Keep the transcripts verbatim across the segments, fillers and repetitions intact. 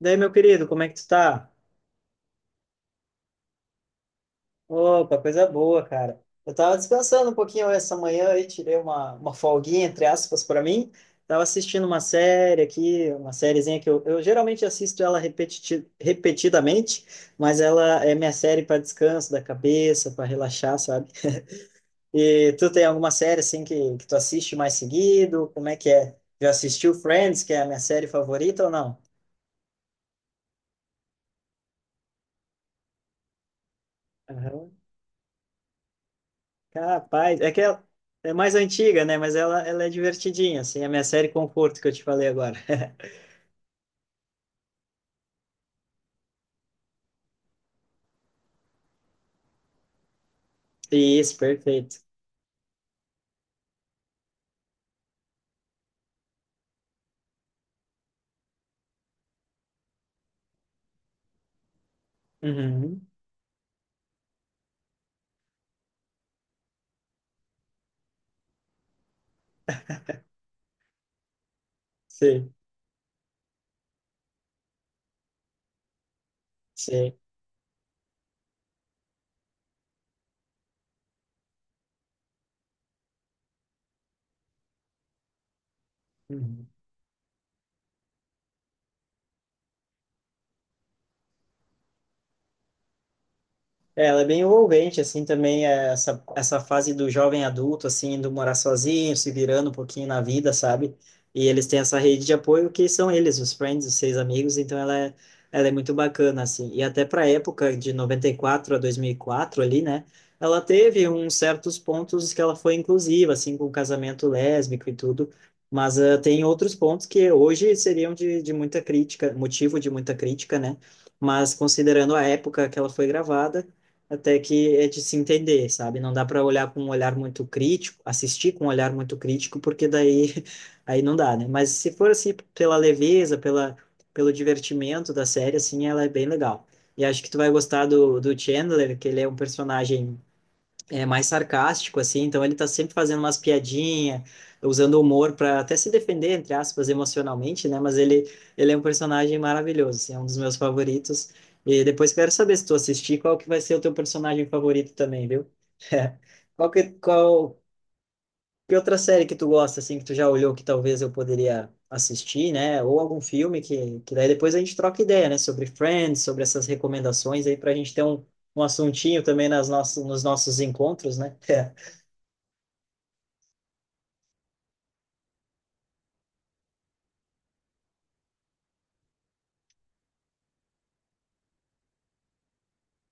Daí, meu querido, como é que tu tá? Opa, coisa boa, cara. Eu tava descansando um pouquinho essa manhã e tirei uma, uma folguinha, entre aspas, para mim. Tava assistindo uma série aqui, uma sériezinha que eu, eu geralmente assisto ela repetiti repetidamente, mas ela é minha série para descanso da cabeça, para relaxar, sabe? E tu tem alguma série assim que, que tu assiste mais seguido? Como é que é? Já assistiu Friends, que é a minha série favorita ou não? Capaz, é que ela é mais antiga, né? Mas ela, ela é divertidinha, assim, é a minha série Conforto que eu te falei agora. Isso, perfeito. Uhum. Sim, sim. Uhum. É, ela é bem envolvente, assim, também é essa, essa fase do jovem adulto, assim, do morar sozinho, se virando um pouquinho na vida, sabe? E eles têm essa rede de apoio que são eles, os friends, os seis amigos, então ela é, ela é muito bacana, assim. E até pra época de noventa e quatro a dois mil e quatro ali, né? Ela teve uns certos pontos que ela foi inclusiva, assim, com o casamento lésbico e tudo, mas eh, tem outros pontos que hoje seriam de, de muita crítica, motivo de muita crítica, né? Mas considerando a época que ela foi gravada, até que é de se entender, sabe? Não dá para olhar com um olhar muito crítico, assistir com um olhar muito crítico, porque daí aí não dá, né? Mas se for assim pela leveza, pela pelo divertimento da série, assim, ela é bem legal. E acho que tu vai gostar do, do Chandler, que ele é um personagem é mais sarcástico, assim, então ele tá sempre fazendo umas piadinhas, usando humor para até se defender, entre aspas, emocionalmente, né? Mas ele, ele é um personagem maravilhoso, assim, é um dos meus favoritos. E depois quero saber se tu assistir, qual que vai ser o teu personagem favorito também, viu? Qual que, qual, que outra série que tu gosta, assim, que tu já olhou que talvez eu poderia assistir, né? Ou algum filme que, que daí depois a gente troca ideia, né? Sobre Friends, sobre essas recomendações aí, pra gente ter um, um assuntinho também nas nossas, nos nossos encontros, né?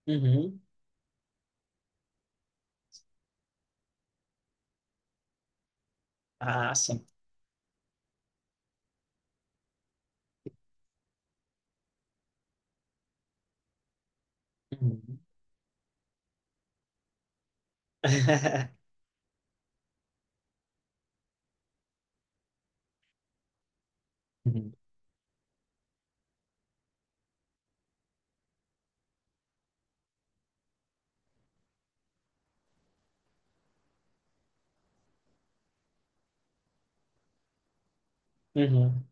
Uhum. Ah, sim. Uhum. Uhum. Uhum.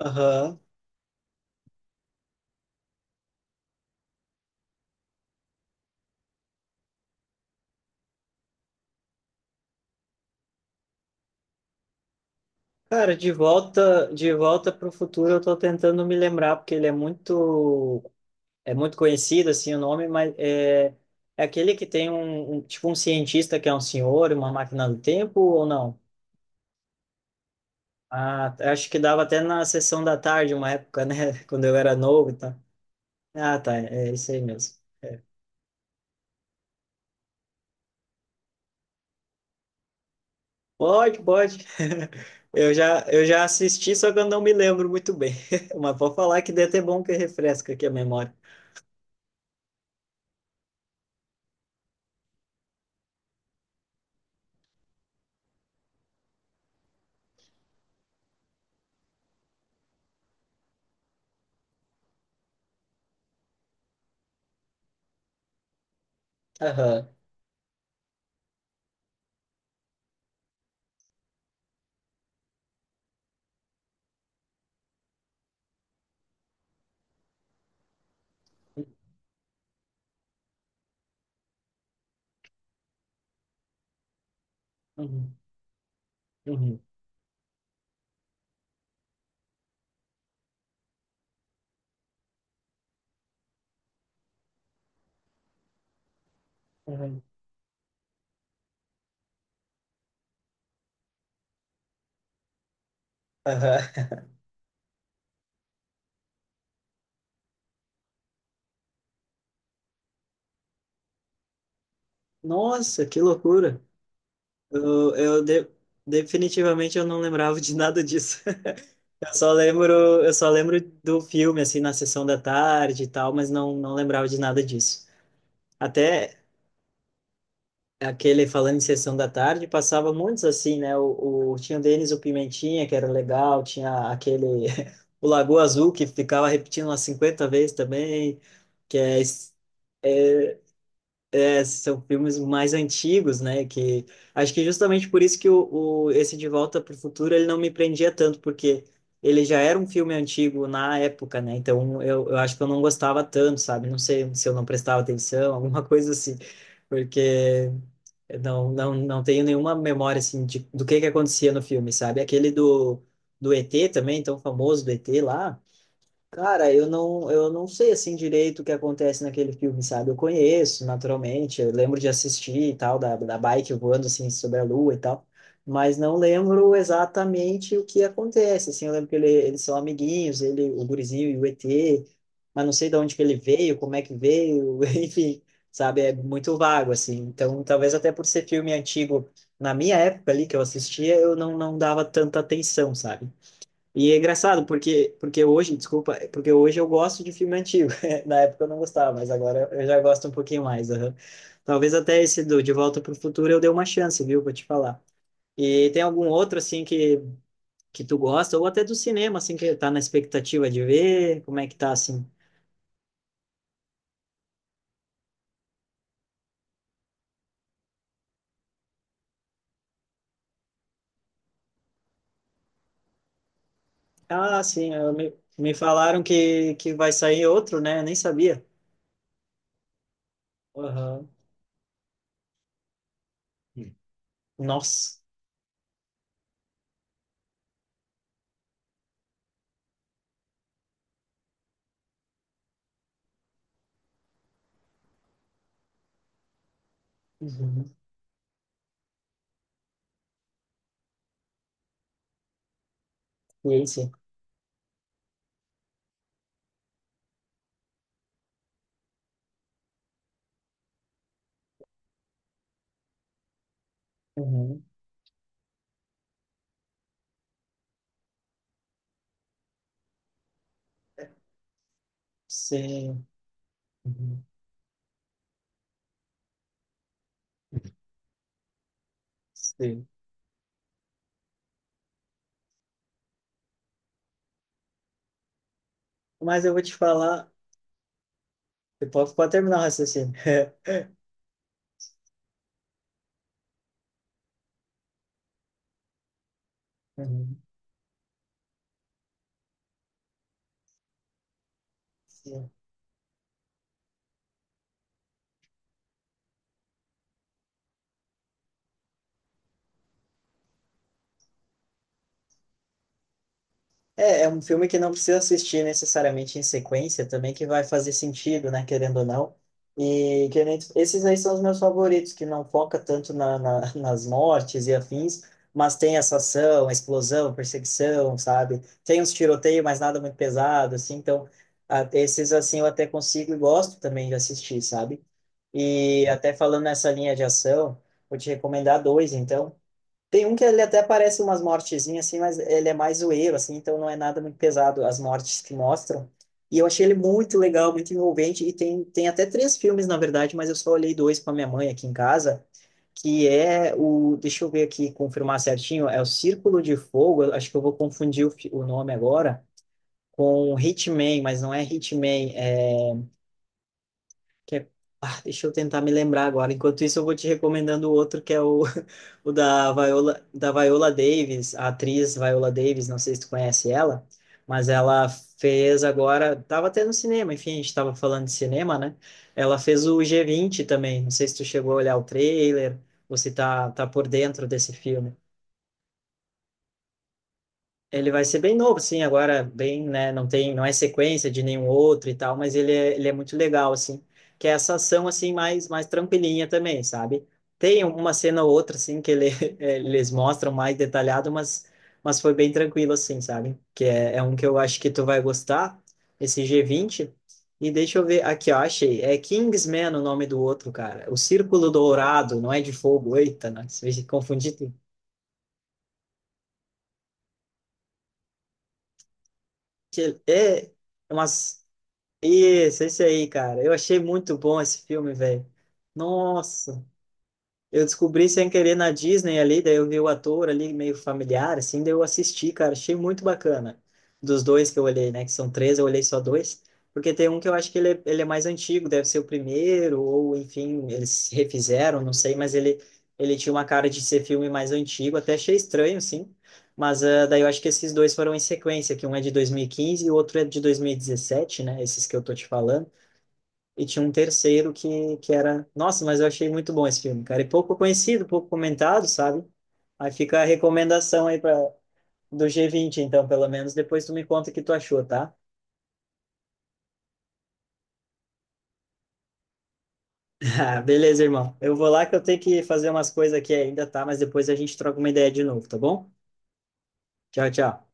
Aham. Cara, de volta, de volta para o futuro, eu tô tentando me lembrar porque ele é muito, é muito conhecido assim o nome, mas é, é aquele que tem um, um- tipo um cientista que é um senhor, uma máquina do tempo ou não? Ah, acho que dava até na sessão da tarde, uma época, né? Quando eu era novo, e tal. Ah, tá, é isso aí mesmo. Pode, pode. Eu já, eu já assisti, só que eu não me lembro muito bem. Mas vou falar que deve ter bom que refresca aqui a memória. Aham. Uhum. Uhum. Uhum. Aham. Nossa, que loucura. Eu, eu de- definitivamente eu não lembrava de nada disso. Eu só lembro, eu só lembro do filme assim na sessão da tarde e tal, mas não, não lembrava de nada disso. Até aquele falando em sessão da tarde, passava muitos assim, né? O, o- tinha o Denis o Pimentinha, que era legal, tinha aquele. O Lagoa Azul, que ficava repetindo umas cinquenta vezes também, que é, es- é, são filmes mais antigos, né? Que acho que justamente por isso que o, o, esse De Volta para o Futuro ele não me prendia tanto, porque ele já era um filme antigo na época, né? Então eu, eu acho que eu não gostava tanto, sabe? Não sei se eu não prestava atenção, alguma coisa assim, porque eu não, não, não tenho nenhuma memória assim de, do que que acontecia no filme, sabe? Aquele do, do E T também, tão famoso do E T lá. Cara, eu não, eu não sei assim direito o que acontece naquele filme, sabe? Eu conheço, naturalmente, eu lembro de assistir e tal, da, da bike voando assim sobre a lua e tal, mas não lembro exatamente o que acontece, assim, eu lembro que ele, eles são amiguinhos, ele, o gurizinho e o E T, mas não sei de onde que ele veio, como é que veio, enfim, sabe? É muito vago, assim, então talvez até por ser filme antigo, na minha época ali que eu assistia, eu não, não dava tanta atenção, sabe? E é engraçado, porque, porque hoje, desculpa, é porque hoje eu gosto de filme antigo. Na época eu não gostava, mas agora eu já gosto um pouquinho mais. Aham. Talvez até esse do De Volta para o Futuro eu dê uma chance, viu? Vou te falar. E tem algum outro, assim, que, que tu gosta, ou até do cinema, assim, que tá na expectativa de ver? Como é que tá, assim? Ah, sim, eu me, me falaram que, que vai sair outro, né? Eu nem sabia. Aham. Nossa. Uhum. E aí, sim. Uhum. Sim. Uhum. Sim. Mas eu vou te falar. Eu posso, pode terminar o raciocínio. Uhum. Sim. É, é um filme que não precisa assistir necessariamente em sequência também, que vai fazer sentido, né, querendo ou não. E que nem esses aí são os meus favoritos, que não foca tanto na, na- nas mortes e afins, mas tem essa ação, explosão, perseguição, sabe? Tem uns tiroteios, mas nada muito pesado, assim. Então, a- esses assim eu até consigo e gosto também de assistir, sabe? E até falando nessa linha de ação, vou te recomendar dois, então. Tem um que ele até parece umas mortezinhas, assim, mas ele é mais zoeiro, assim, então não é nada muito pesado as mortes que mostram. E eu achei ele muito legal, muito envolvente, e tem, tem até três filmes, na verdade, mas eu só olhei dois para minha mãe aqui em casa, que é o, deixa eu ver aqui, confirmar certinho, é o Círculo de Fogo, eu acho que eu vou confundir o, fi- o nome agora, com Hitman, mas não é Hitman, é que é- ah, deixa eu tentar me lembrar agora. Enquanto isso, eu vou te recomendando o outro, que é o, o da Viola, da Viola Davis, a atriz Viola Davis, não sei se tu conhece ela, mas ela fez agora, tava até no cinema, enfim, a gente tava falando de cinema, né? Ela fez o G vinte também, não sei se tu chegou a olhar o trailer, ou se tá, tá por dentro desse filme. Ele vai ser bem novo, sim, agora bem, né, não tem, não é sequência de nenhum outro e tal, mas ele é, ele é muito legal, assim, que é essa ação, assim, mais, mais tranquilinha também, sabe? Tem uma cena ou outra, assim, que ele, eles mostram mais detalhado, mas, mas foi bem tranquilo, assim, sabe? Que é, é um que eu acho que tu vai gostar, esse g vinte e deixa eu ver, aqui, ó, achei, é Kingsman o nome do outro, cara, o Círculo Dourado, não é de fogo, eita, não, se confundi, tudo. Que é umas. Isso, esse aí, cara. Eu achei muito bom esse filme, velho. Nossa. Eu descobri sem querer na Disney ali, daí eu vi o ator ali meio familiar, assim, daí eu assisti, cara, achei muito bacana. Dos dois que eu olhei, né, que são três, eu olhei só dois, porque tem um que eu acho que ele é, ele é mais antigo, deve ser o primeiro, ou enfim, eles refizeram, não sei, mas ele, ele tinha uma cara de ser filme mais antigo, até achei estranho, sim, mas ah, daí eu acho que esses dois foram em sequência, que um é de dois mil e quinze e quinze e o outro é de dois mil e dezessete, né, esses que eu tô te falando. E tinha um terceiro que, que era. Nossa, mas eu achei muito bom esse filme, cara. E pouco conhecido, pouco comentado, sabe? Aí fica a recomendação aí pra, do G vinte, então, pelo menos. Depois tu me conta o que tu achou, tá? Ah, beleza, irmão. Eu vou lá que eu tenho que fazer umas coisas aqui ainda, tá? Mas depois a gente troca uma ideia de novo, tá bom? Tchau, tchau.